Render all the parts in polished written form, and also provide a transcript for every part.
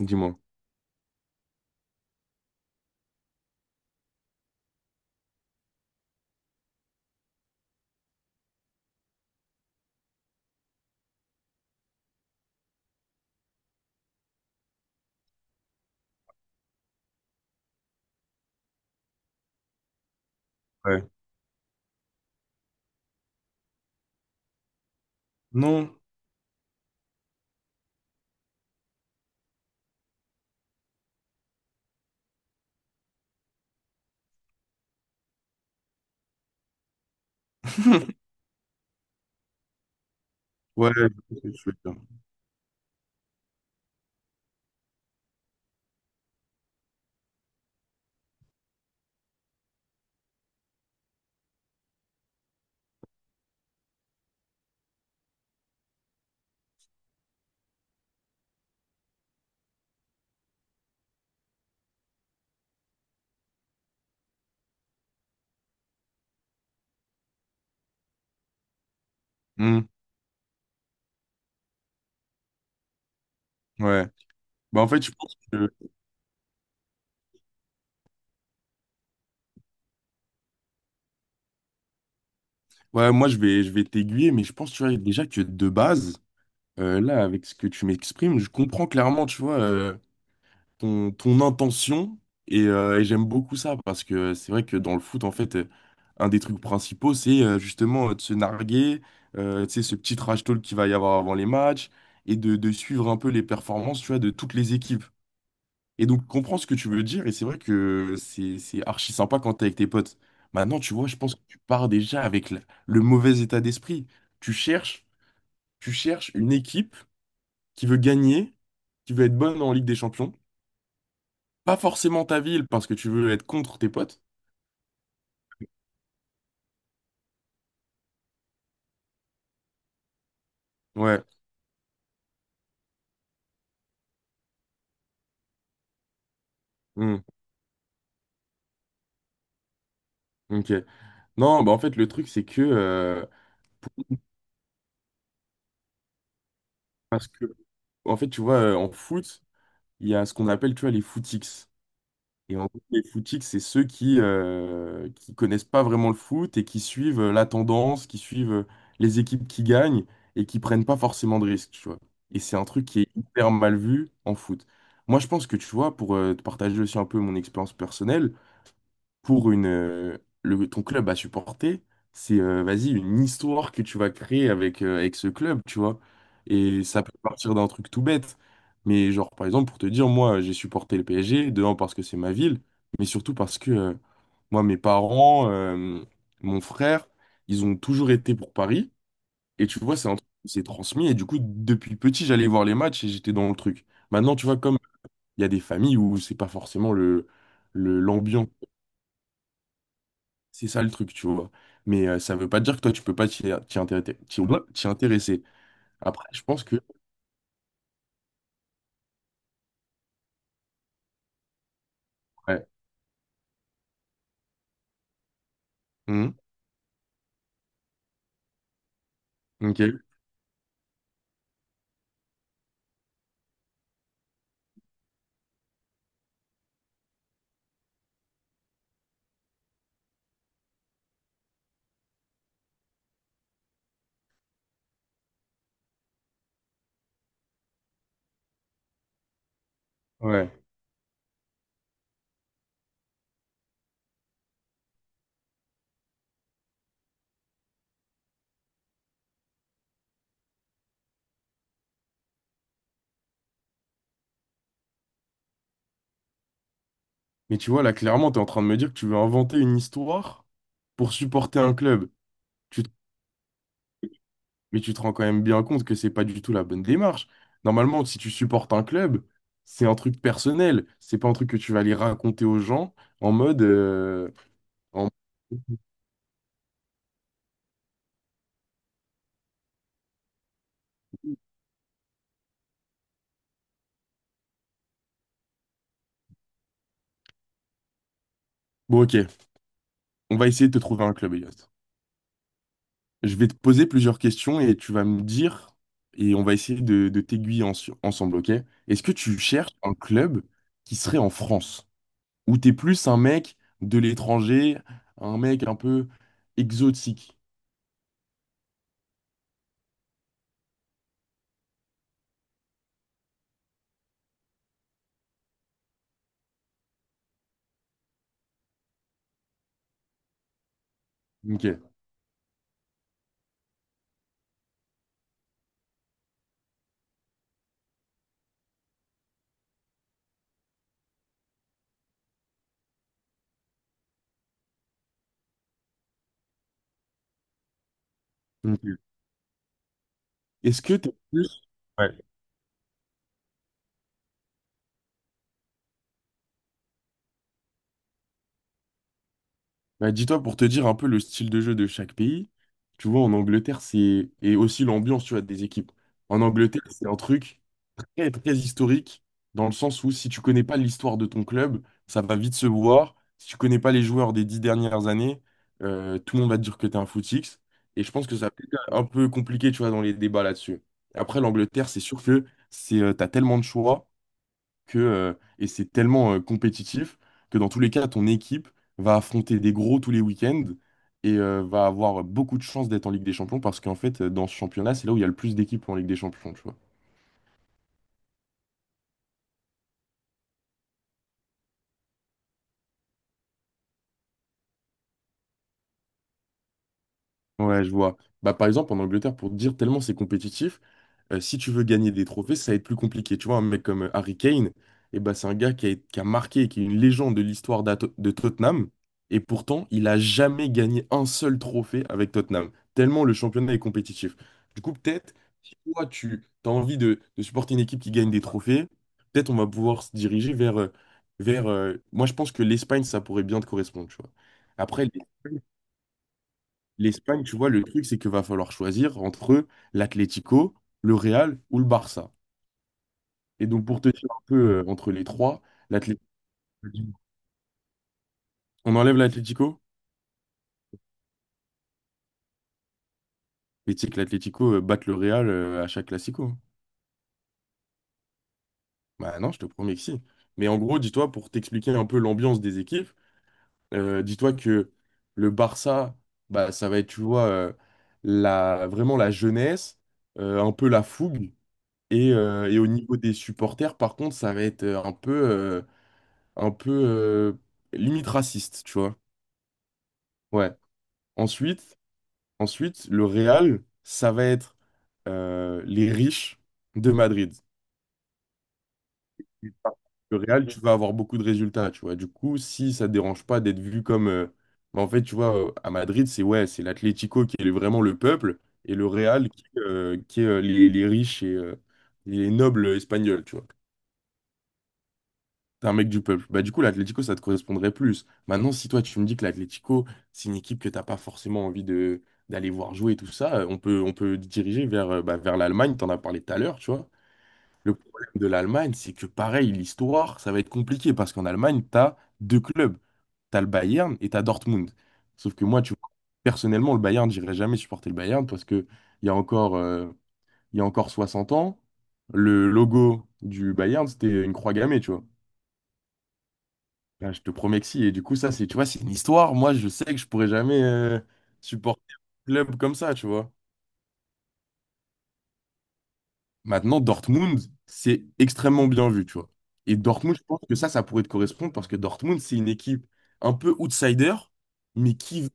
Dis-moi. Ouais. Non. Ouais, je sais ce que tu veux dire. Hmm, ouais. Bah, en fait, je pense que. Ouais, moi, je vais t'aiguiller, mais je pense, tu vois, déjà que de base, là, avec ce que tu m'exprimes, je comprends clairement, tu vois, ton intention. Et j'aime beaucoup ça, parce que c'est vrai que dans le foot, en fait, un des trucs principaux, c'est justement de se narguer, tu sais, ce petit trash talk qu'il va y avoir avant les matchs, et de suivre un peu les performances, tu vois, de toutes les équipes. Et donc, comprends ce que tu veux dire, et c'est vrai que c'est archi sympa quand t'es avec tes potes. Maintenant, tu vois, je pense que tu pars déjà avec le mauvais état d'esprit. Tu cherches, tu cherches une équipe qui veut gagner, qui veut être bonne en Ligue des Champions. Pas forcément ta ville, parce que tu veux être contre tes potes. Ouais, hmm, ok. Non, bah en fait, le truc, c'est que... parce que, en fait, tu vois, en foot, il y a ce qu'on appelle, tu vois, les footix. Et en gros, les footiques, c'est ceux qui connaissent pas vraiment le foot et qui suivent la tendance, qui suivent les équipes qui gagnent et qui prennent pas forcément de risques, tu vois. Et c'est un truc qui est hyper mal vu en foot. Moi, je pense que, tu vois, pour te partager aussi un peu mon expérience personnelle, pour une, le, ton club à supporter, c'est vas-y, une histoire que tu vas créer avec, avec ce club, tu vois. Et ça peut partir d'un truc tout bête. Mais genre, par exemple, pour te dire, moi, j'ai supporté le PSG, de un, parce que c'est ma ville, mais surtout parce que moi, mes parents, mon frère, ils ont toujours été pour Paris. Et tu vois, c'est un truc qui s'est transmis. Et du coup, depuis petit, j'allais voir les matchs et j'étais dans le truc. Maintenant, tu vois, comme il y a des familles où c'est pas forcément l'ambiance c'est ça le truc, tu vois. Mais ça veut pas dire que toi, tu peux pas t'y t'y intéresser. T'y intéresser. Après, je pense que... Ouais. Mhm. Ok. Ouais. Mais tu vois, là, clairement, tu es en train de me dire que tu veux inventer une histoire pour supporter un club. Tu te- Mais tu te rends quand même bien compte que c'est pas du tout la bonne démarche. Normalement, si tu supportes un club, c'est un truc personnel. C'est pas un truc que tu vas aller raconter aux gens en mode... euh, en- Bon, ok. On va essayer de te trouver un club, Elias. Je vais te poser plusieurs questions et tu vas me dire, et on va essayer de, t'aiguiller ensemble, ok? Est-ce que tu cherches un club qui serait en France? Ou t'es plus un mec de l'étranger, un mec un peu exotique? Ok. Ok. Est-ce que t'es plus... Ouais. Bah, dis-toi pour te dire un peu le style de jeu de chaque pays. Tu vois, en Angleterre, c'est... Et aussi l'ambiance, tu vois, des équipes. En Angleterre, c'est un truc... très, très historique, dans le sens où si tu connais pas l'histoire de ton club, ça va vite se voir. Si tu connais pas les joueurs des 10 dernières années, tout le monde va te dire que tu es un footix. Et je pense que ça peut être un peu compliqué, tu vois, dans les débats là-dessus. Après, l'Angleterre, c'est sûr que c'est, t'as tellement de choix que, et c'est tellement compétitif que dans tous les cas, ton équipe va affronter des gros tous les week-ends et va avoir beaucoup de chances d'être en Ligue des Champions parce qu'en fait, dans ce championnat, c'est là où il y a le plus d'équipes en Ligue des Champions, tu vois. Ouais, je vois. Bah, par exemple, en Angleterre, pour te dire tellement c'est compétitif, si tu veux gagner des trophées, ça va être plus compliqué. Tu vois, un mec comme Harry Kane, eh bah, c'est un gars qui a marqué, qui est une légende de l'histoire de Tottenham. Et pourtant, il a jamais gagné un seul trophée avec Tottenham. Tellement le championnat est compétitif. Du coup, peut-être, si toi, tu as envie de, supporter une équipe qui gagne des trophées, peut-être on va pouvoir se diriger vers... vers moi, je pense que l'Espagne, ça pourrait bien te correspondre, tu vois. Après, l'Espagne, L'Espagne, tu vois, le truc, c'est qu'il va falloir choisir entre l'Atlético, le Real ou le Barça. Et donc, pour te dire un peu entre les trois, l'Atlético, on enlève l'Atlético? Mais tu sais que l'Atlético batte le Real à chaque Classico, hein. Bah non, je te promets que si. Mais en gros, dis-toi, pour t'expliquer un peu l'ambiance des équipes, dis-toi que le Barça, bah, ça va être, tu vois, la, vraiment la jeunesse, un peu la fougue. Et au niveau des supporters, par contre, ça va être un peu. Un peu limite raciste, tu vois. Ouais. Ensuite, ensuite, le Real, ça va être les riches de Madrid. Le Real, tu vas avoir beaucoup de résultats, tu vois. Du coup, si ça te dérange pas d'être vu comme... bah, en fait, tu vois, à Madrid, c'est ouais, c'est l'Atlético qui est vraiment le peuple et le Real qui est les riches et les nobles espagnols, tu vois. T'es un mec du peuple. Bah, du coup, l'Atlético, ça te correspondrait plus. Maintenant, si toi, tu me dis que l'Atlético, c'est une équipe que t'as pas forcément envie de d'aller voir jouer et tout ça, on peut diriger vers, bah, vers l'Allemagne. T'en as parlé tout à l'heure, tu vois. Le problème de l'Allemagne, c'est que pareil, l'histoire, ça va être compliqué parce qu'en Allemagne, t'as deux clubs. T'as le Bayern et t'as Dortmund. Sauf que moi, tu vois, personnellement, le Bayern, j'irai jamais supporter le Bayern parce que il y a encore, euh, il y a encore 60 ans, le logo du Bayern, c'était une croix gammée, tu vois. Ah, je te promets que si. Et du coup, ça, c'est, tu vois, c'est une histoire. Moi, je sais que je pourrais jamais supporter un club comme ça, tu vois. Maintenant, Dortmund, c'est extrêmement bien vu, tu vois. Et Dortmund, je pense que ça pourrait te correspondre parce que Dortmund, c'est une équipe un peu outsider, mais qui,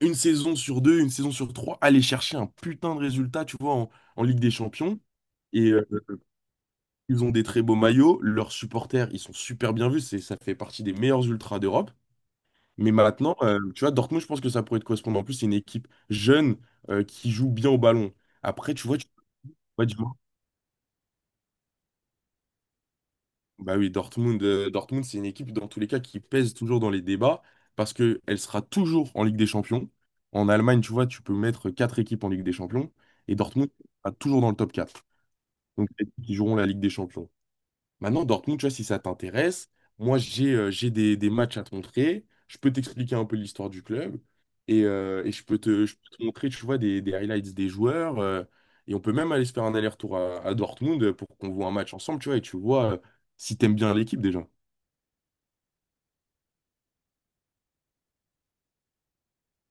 une saison sur deux, une saison sur trois, aller chercher un putain de résultat, tu vois, en, en Ligue des Champions. Et ils ont des très beaux maillots. Leurs supporters, ils sont super bien vus. C'est, ça fait partie des meilleurs ultras d'Europe. Mais maintenant, tu vois, Dortmund, je pense que ça pourrait te correspondre. En plus, c'est une équipe jeune qui joue bien au ballon. Après, tu vois, vois, du moins- Bah oui, Dortmund, Dortmund, c'est une équipe, dans tous les cas, qui pèse toujours dans les débats parce qu'elle sera toujours en Ligue des Champions. En Allemagne, tu vois, tu peux mettre 4 équipes en Ligue des Champions et Dortmund sera toujours dans le top 4. Donc, les équipes qui joueront la Ligue des Champions. Maintenant, Dortmund, tu vois, si ça t'intéresse, moi, j'ai des matchs à te montrer. Je peux t'expliquer un peu l'histoire du club et je peux te montrer, tu vois, des highlights des joueurs. Et on peut même aller se faire un aller-retour à Dortmund pour qu'on voit un match ensemble, tu vois, et tu vois si t'aimes bien l'équipe déjà.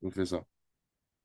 On fait ça.